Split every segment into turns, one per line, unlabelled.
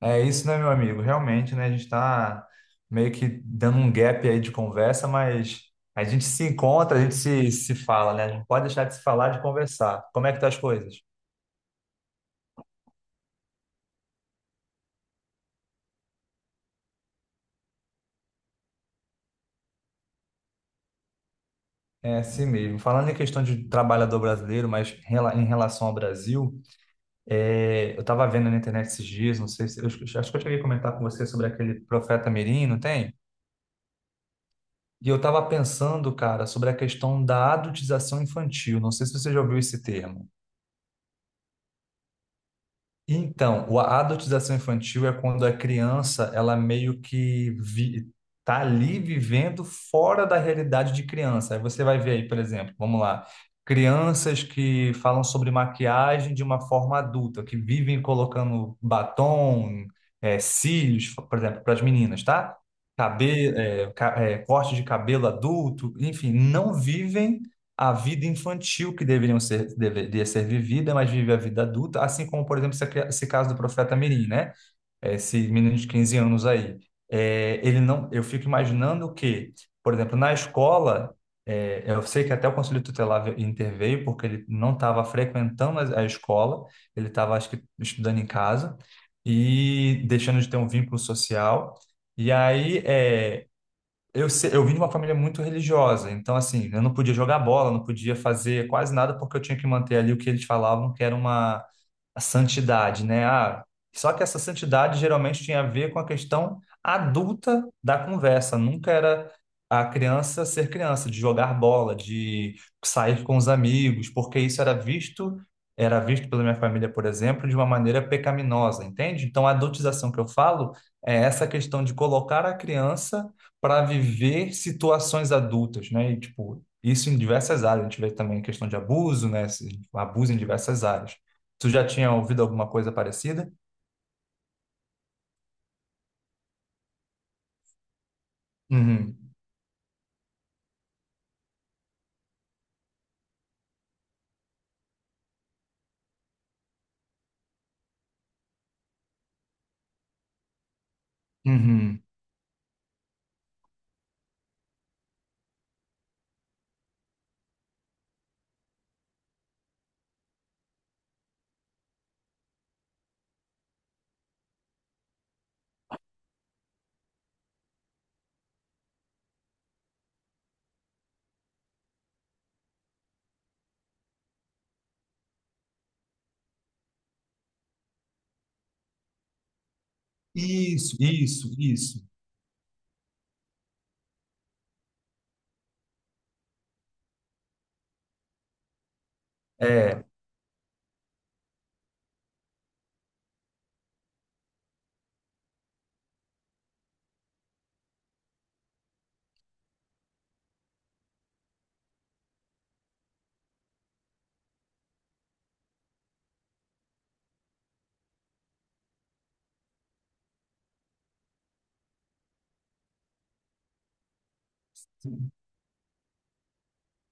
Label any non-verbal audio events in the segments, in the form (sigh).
É isso, né, meu amigo? Realmente, né? A gente está meio que dando um gap aí de conversa, mas a gente se encontra, a gente se fala, né? A gente não pode deixar de se falar, de conversar. Como é que tá as coisas? É assim mesmo. Falando em questão de trabalhador brasileiro, em relação ao Brasil, eu estava vendo na internet esses dias, não sei se... Eu acho que eu cheguei a comentar com você sobre aquele profeta Mirim, não tem? E eu estava pensando, cara, sobre a questão da adultização infantil. Não sei se você já ouviu esse termo. A adultização infantil é quando a criança, ela meio que vi, tá ali vivendo fora da realidade de criança. Aí você vai ver aí, por exemplo, vamos lá, crianças que falam sobre maquiagem de uma forma adulta, que vivem colocando batom, cílios, por exemplo, para as meninas, tá? Cabelo, corte de cabelo adulto, enfim, não vivem a vida infantil que deveria ser vivida, mas vive a vida adulta, assim como, por exemplo, esse caso do profeta Mirim, né? Esse menino de 15 anos aí. É, ele não, eu fico imaginando que, por exemplo, na escola, eu sei que até o Conselho Tutelar interveio, porque ele não estava frequentando a escola, ele estava, acho que, estudando em casa e deixando de ter um vínculo social. E aí, é eu, se- Eu vim de uma família muito religiosa, então assim, eu não podia jogar bola, não podia fazer quase nada porque eu tinha que manter ali o que eles falavam que era uma a santidade, né? Só que essa santidade geralmente tinha a ver com a questão adulta da conversa, nunca era a criança ser criança, de jogar bola, de sair com os amigos, porque era visto pela minha família, por exemplo, de uma maneira pecaminosa, entende? Então a adultização que eu falo é essa questão de colocar a criança para viver situações adultas, né? E, tipo, isso em diversas áreas. A gente vê também a questão de abuso, né? Esse abuso em diversas áreas. Tu já tinha ouvido alguma coisa parecida? Uhum, uhum. Isso, isso, isso. É.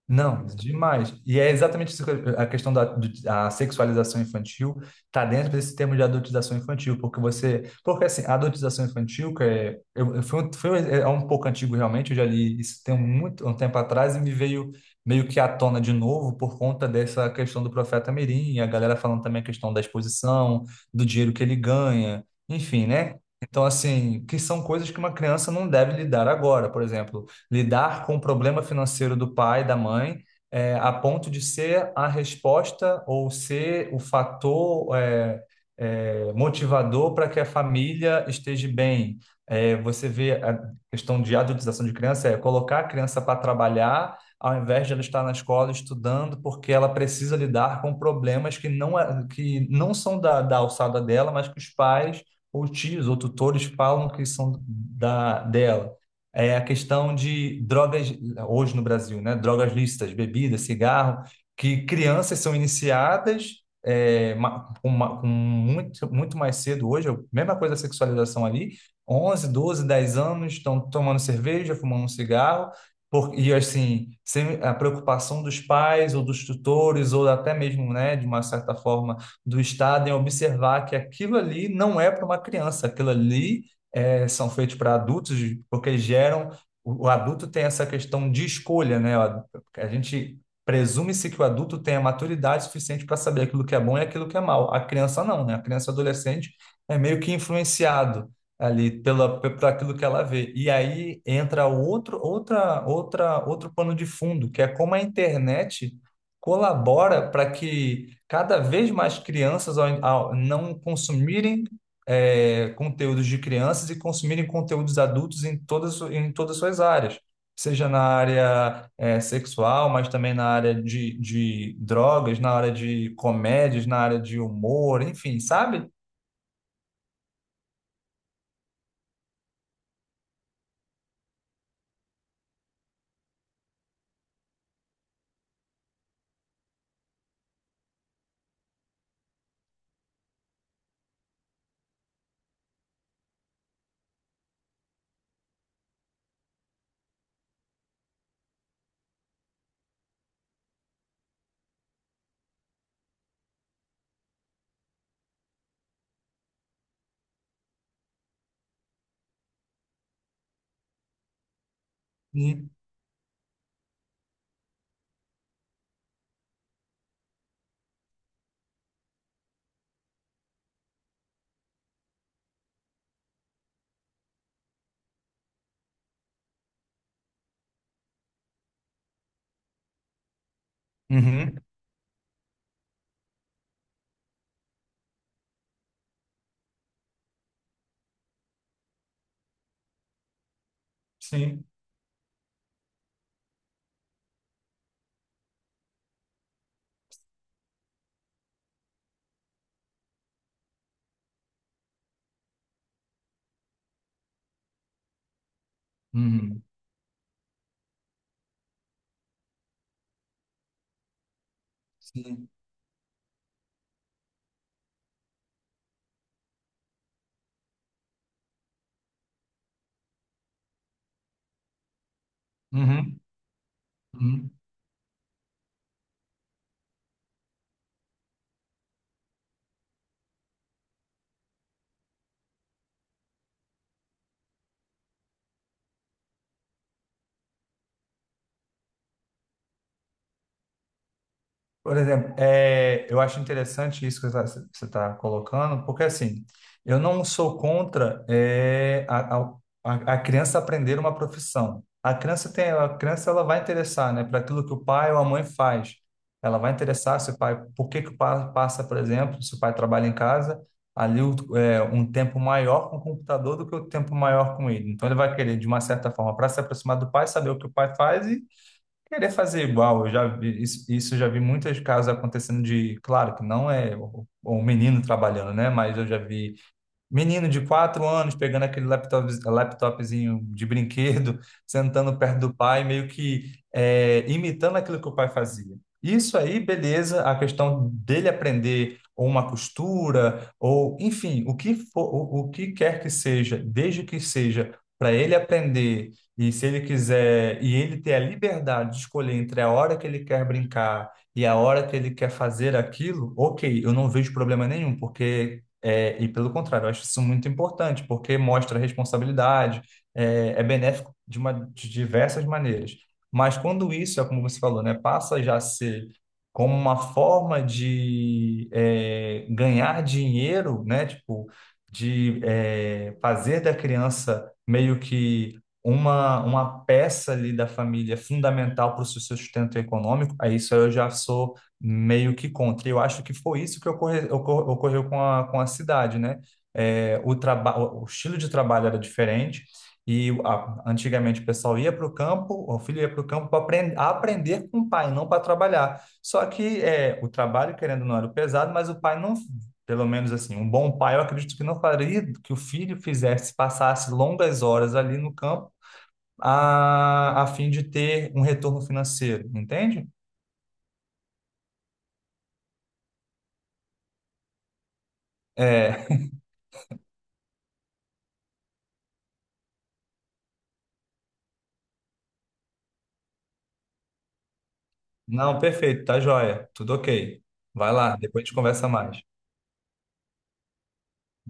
Não, demais. E é exatamente isso, a questão da sexualização infantil está dentro desse termo de adultização infantil, porque porque assim, a adultização infantil que é, eu- foi um- é um pouco antigo realmente, eu já li isso tem muito um tempo atrás e me veio meio que à tona de novo por conta dessa questão do Profeta Mirim, e a galera falando também a questão da exposição, do dinheiro que ele ganha, enfim, né? Então, assim, que são coisas que uma criança não deve lidar agora, por exemplo lidar com o problema financeiro do pai, da mãe, a ponto de ser a resposta ou ser o fator motivador para que a família esteja bem. Você vê a questão de adultização de criança, é colocar a criança para trabalhar ao invés de ela estar na escola estudando, porque ela precisa lidar com problemas que não são da alçada dela, mas que os pais ou tios ou tutores falam que são dela é a questão de drogas, hoje no Brasil, né? Drogas lícitas, bebida, cigarro, que crianças são iniciadas com muito, muito mais cedo hoje, é a mesma coisa da sexualização ali, 11, 12, 10 anos estão tomando cerveja, fumando um cigarro, e assim, sem a preocupação dos pais ou dos tutores, ou até mesmo, né, de uma certa forma, do Estado em observar que aquilo ali não é para uma criança, aquilo ali são feitos para adultos, porque geram. O adulto tem essa questão de escolha, né? A gente presume-se que o adulto tenha maturidade suficiente para saber aquilo que é bom e aquilo que é mal. A criança não, né? A criança adolescente é meio que influenciado ali por aquilo que ela vê. E aí entra outro pano de fundo, que é como a internet colabora para que cada vez mais crianças, ao não consumirem conteúdos de crianças e consumirem conteúdos adultos em todas as suas áreas, seja na área sexual, mas também na área de drogas, na área de comédias, na área de humor, enfim, sabe? Uhum. Uhum. Sim. Uhum. Sim. Uhum. Uhum. Por exemplo, eu acho interessante isso que você está colocando, porque assim, eu não sou contra a criança aprender uma profissão. A criança tem, a criança ela vai interessar, né, para aquilo que o pai ou a mãe faz. Ela vai interessar se o pai, por que que o pai passa, por exemplo, se o pai trabalha em casa, um tempo maior com o computador do que o tempo maior com ele. Então ele vai querer, de uma certa forma, para se aproximar do pai, saber o que o pai faz. Querer fazer igual, eu já vi isso, isso eu já vi muitos casos acontecendo de, claro que não é o menino trabalhando, né? Mas eu já vi menino de 4 anos pegando aquele laptop, laptopzinho de brinquedo, (laughs) sentando perto do pai, imitando aquilo que o pai fazia. Isso aí, beleza, a questão dele aprender ou uma costura, ou enfim, o que for, o que quer que seja, desde que seja para ele aprender, e se ele quiser, e ele ter a liberdade de escolher entre a hora que ele quer brincar e a hora que ele quer fazer aquilo, ok, eu não vejo problema nenhum, porque e pelo contrário, eu acho isso muito importante, porque mostra responsabilidade, é benéfico de, uma, de diversas maneiras. Mas quando isso, é como você falou, né, passa já a ser como uma forma de ganhar dinheiro, né, tipo, de fazer da criança meio que uma peça ali da família fundamental para o seu sustento econômico, aí isso eu já sou meio que contra. E eu acho que foi isso que ocorreu com a cidade, né? O estilo de trabalho era diferente antigamente o pessoal ia para o campo, o filho ia para o campo para aprender, aprender com o pai, não para trabalhar. Só que o trabalho, querendo ou não, era pesado, mas o pai não, pelo menos assim, um bom pai, eu acredito que não faria que o filho fizesse, passasse longas horas ali no campo a fim de ter um retorno financeiro, entende? é Não, perfeito, tá joia. Tudo ok. Vai lá, depois a gente conversa mais.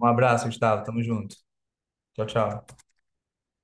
Um abraço, Gustavo. Tamo junto. Tchau, tchau.